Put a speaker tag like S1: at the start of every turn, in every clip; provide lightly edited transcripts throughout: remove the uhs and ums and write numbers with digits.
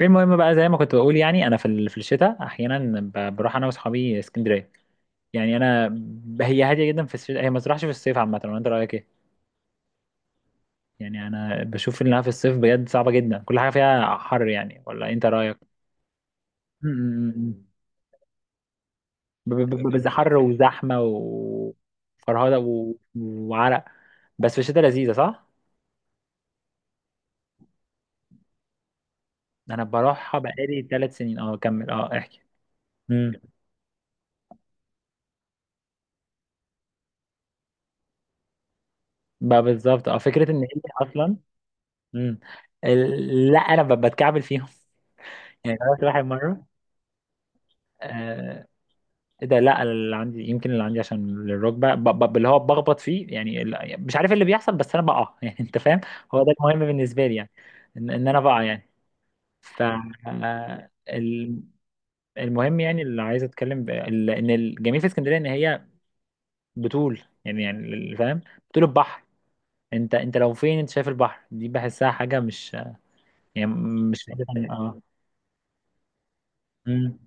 S1: المهم بقى زي ما كنت بقول يعني انا في الشتاء احيانا بروح انا واصحابي اسكندريه. يعني انا هي هاديه جدا في الشتاء، هي ما تروحش في الصيف عامه، ولا انت رايك ايه؟ يعني انا بشوف انها في الصيف بجد صعبه جدا، كل حاجه فيها حر يعني، ولا انت رايك؟ م- م- م. حر وزحمه وفرهده وعرق. بس في الشتاء لذيذه، صح. انا بروحها بقالي ثلاث سنين، اه كمل، اه احكي. امم بقى بالظبط، اه فكره ان هي اصلا. امم لا انا بتكعبل فيهم. يعني جربت واحد مرة. آه، ايه ده، لا اللي عندي، يمكن اللي عندي عشان الركبة اللي هو بخبط فيه يعني، مش عارف إيه اللي بيحصل، بس انا بقع يعني انت فاهم. هو ده المهم بالنسبة لي يعني، إن انا بقع يعني. ف المهم يعني، اللي عايز اتكلم ان الجميل في اسكندرية ان هي بتول يعني، يعني فاهم، بتول البحر. انت لو فين، انت شايف البحر دي بحسها حاجة مش يعني، مش اه. امم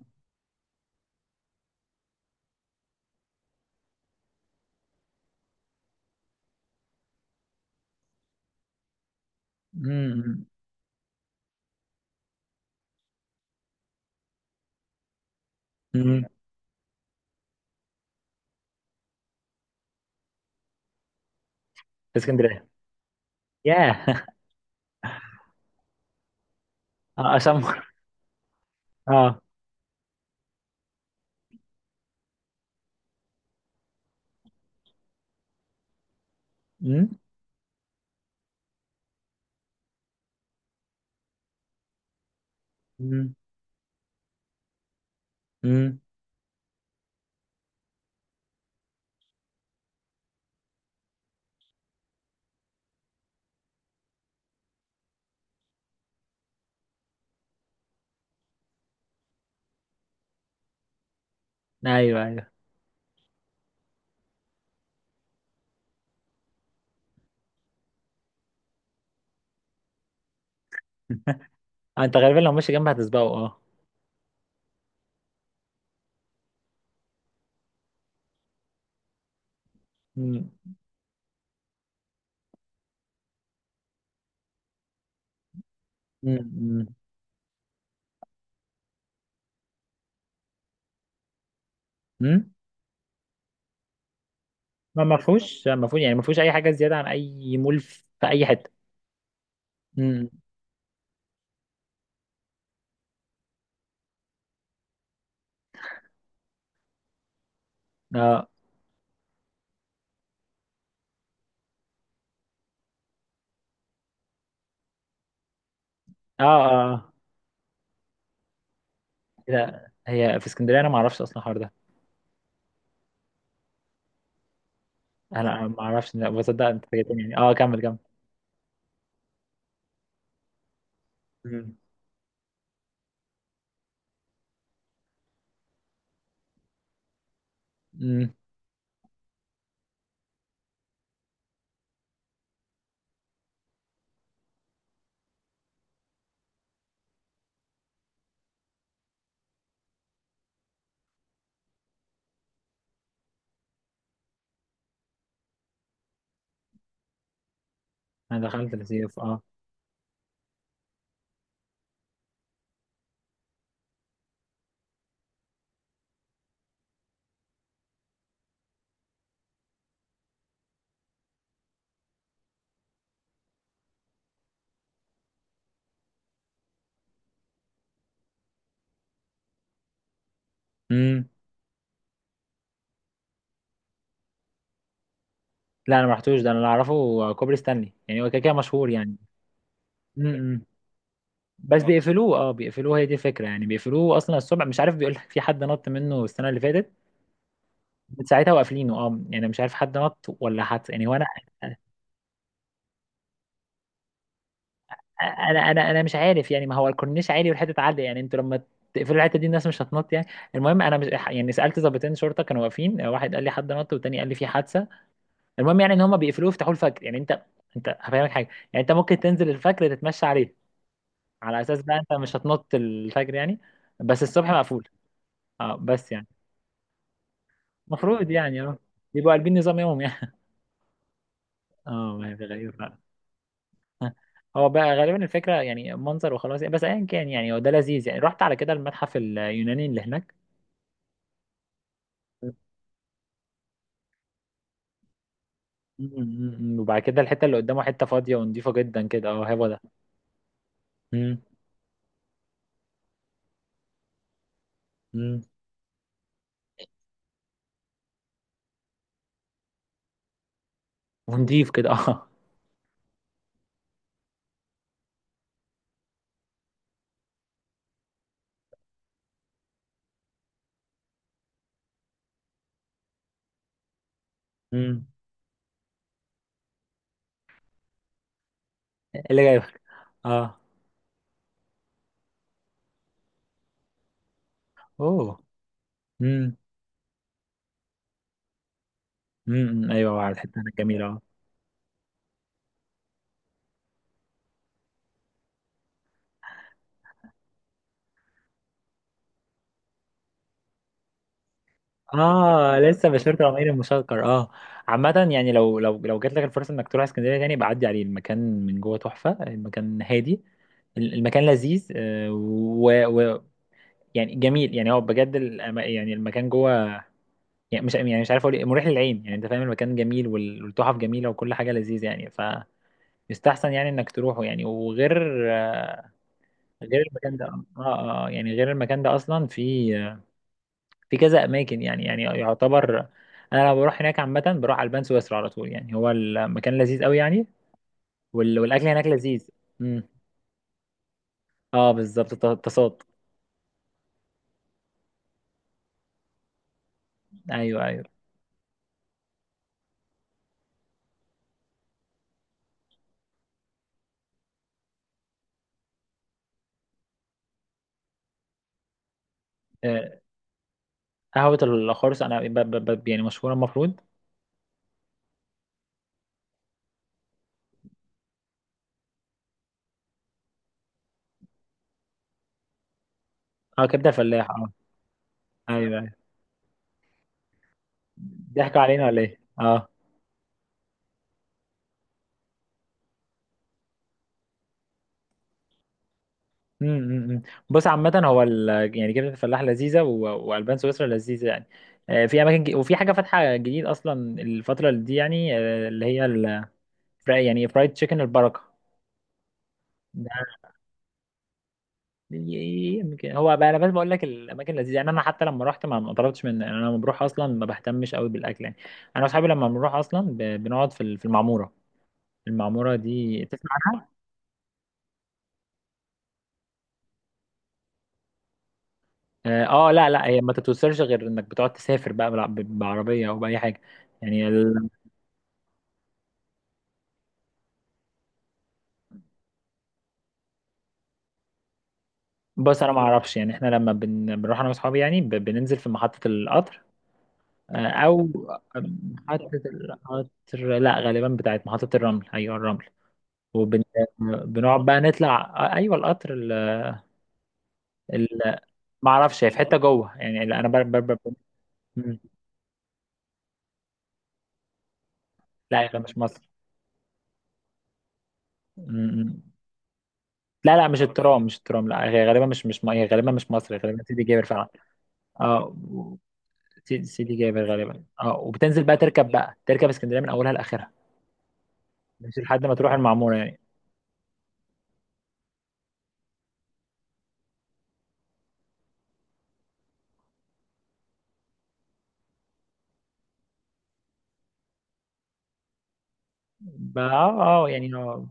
S1: امم اسكندرية. ياه عشان اه. امم امم امم ايوه، ايوه. انت غالبا لو ماشي جنب هتسبقه اه. امم امم امم ما فيهوش يعني، ما فيهوش اي حاجه زياده عن اي مول في اي حته. امم. اه، اه، اه. لا هي في اسكندريه انا ما اعرفش اصلا الحوار ده. انا ما اعرفش، لا بصدق، انت فاجئتني يعني، اه كمل كمل. امم امم انا دخلت السيوف اه. امم. لا انا ما رحتوش ده، انا اللي اعرفه كوبري ستانلي، يعني هو كده كده مشهور يعني. امم. بس اه بيقفلوه، اه بيقفلوه، هي دي الفكره يعني، بيقفلوه اصلا الصبح، مش عارف بيقول لك في حد نط منه السنه اللي فاتت، من ساعتها وقافلينه، اه يعني مش عارف حد نط ولا حد يعني. وانا انا انا انا مش عارف يعني، ما هو الكورنيش عالي والحته عاليه يعني، انتوا لما تقفلوا الحته دي الناس مش هتنط يعني. المهم انا مش يعني، سالت ضابطين شرطه كانوا واقفين، واحد قال لي حد نط والتاني قال لي في حادثه. المهم يعني ان هم بيقفلوه يفتحوه الفجر، يعني انت، انت هفهمك حاجه، يعني انت ممكن تنزل الفجر تتمشى عليه، على اساس بقى انت مش هتنط الفجر يعني. بس الصبح مقفول اه، بس يعني المفروض يعني اه بيبقوا قلبين نظام يومهم يعني. اه ما هي غريبة فعلا. هو بقى غالبا الفكرة يعني منظر وخلاص يعني، بس ايا كان يعني، هو ده لذيذ يعني. رحت على كده المتحف اليوناني اللي هناك. م- م- م. وبعد كده الحتة اللي قدامه حتة فاضية ونضيفة جدا كده، اه هو ده. م- م. ونضيف كده اه. م. إيه اللي جايبك؟ اه. اوه. م- م- م. ايوه، على الحتة هناك جميلة. اه لسه بشيرة العمير المشكر اه. عامة يعني، لو جات لك الفرصة انك تروح اسكندرية تاني بعدي عليه المكان، من جوه تحفة المكان هادي. المكان لذيذ، و يعني جميل يعني، هو بجد يعني المكان جوه يعني، مش يعني مش عارف اقول إيه، مريح للعين يعني، انت فاهم، المكان جميل والتحف جميلة وكل حاجة لذيذة يعني. فيستحسن يعني انك تروحه يعني، وغير آه، غير المكان ده اه، اه يعني غير المكان ده اصلا في في كذا اماكن يعني، يعني يعتبر، انا لما بروح هناك عامه بروح على البان سويسرا على طول يعني، هو المكان لذيذ قوي يعني، وال... والاكل هناك لذيذ. امم اه بالظبط التصاد. ايوه، ايوه. آه، قهوه الخرس انا يعني مشهوره المفروض. اه كبده فلاح اه. ايوه، ايوه، ضحكوا علينا ولا ايه اه. أمم، أمم، أمم. بص عامه هو ال... يعني كبده الفلاح لذيذه و... والبان سويسرا لذيذه يعني. في اماكن ج... وفي حاجه فاتحه جديد اصلا الفتره دي يعني، اللي هي ال... يعني فرايد تشيكن البركه ده. يمكن هو بقى انا بس بقول لك الاماكن لذيذه يعني، انا حتى لما رحت ما ما طلبتش من، يعني انا لما بروح اصلا ما بهتمش قوي بالاكل يعني. انا واصحابي لما بنروح اصلا بنقعد في المعموره. المعموره دي تسمع عنها؟ اه لا لا هي ما تتوصلش غير انك بتقعد تسافر بقى بعربيه او باي حاجه يعني ال... بص انا ما اعرفش يعني، احنا لما بنروح انا واصحابي يعني بننزل في محطه القطر، او محطه القطر، لا غالبا بتاعت محطه الرمل، ايوه الرمل، وبنقعد بقى نطلع ايوه القطر ال... ال... ما اعرفش هي في حته جوه يعني، لا، انا مم. لا هي مش مصر. مم. مم. لا لا مش الترام، مش الترام، لا هي غالبا مش مش م- هي غالبا مش مصر، هي غالبا سيدي جابر فعلا اه. و- سيدي جابر غالبا اه، وبتنزل بقى تركب اسكندريه من اولها لاخرها، مش لحد ما تروح المعموره يعني. بقى اه، اه يعني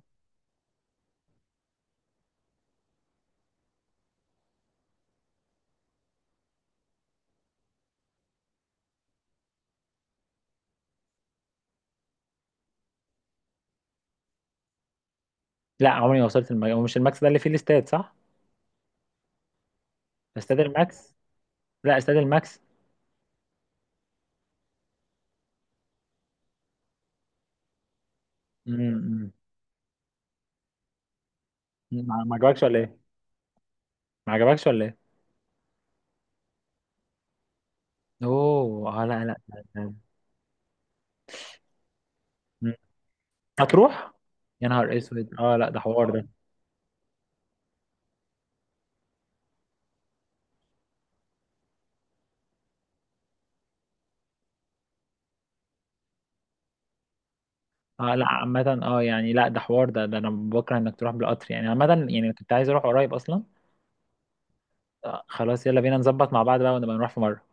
S1: لا عمري ما وصلت هو مش الماكس ده اللي فيه الاستاد، صح؟ استاد الماكس، لا استاد الماكس. مم. مم. ما ما عجبكش ولا ايه؟ ما عجبكش ولا ايه؟ اوه، اه لا لا لا لا. مم. هتروح؟ يا نهار اسود اه، لا ده حوار ده. اه لا عامة اه يعني، لا ده حوار ده، ده انا بكره انك تروح بالقطر يعني، عامة يعني كنت عايز اروح قريب اصلا. خلاص يلا بينا نظبط مع بعض بقى ونبقى نروح في مرة.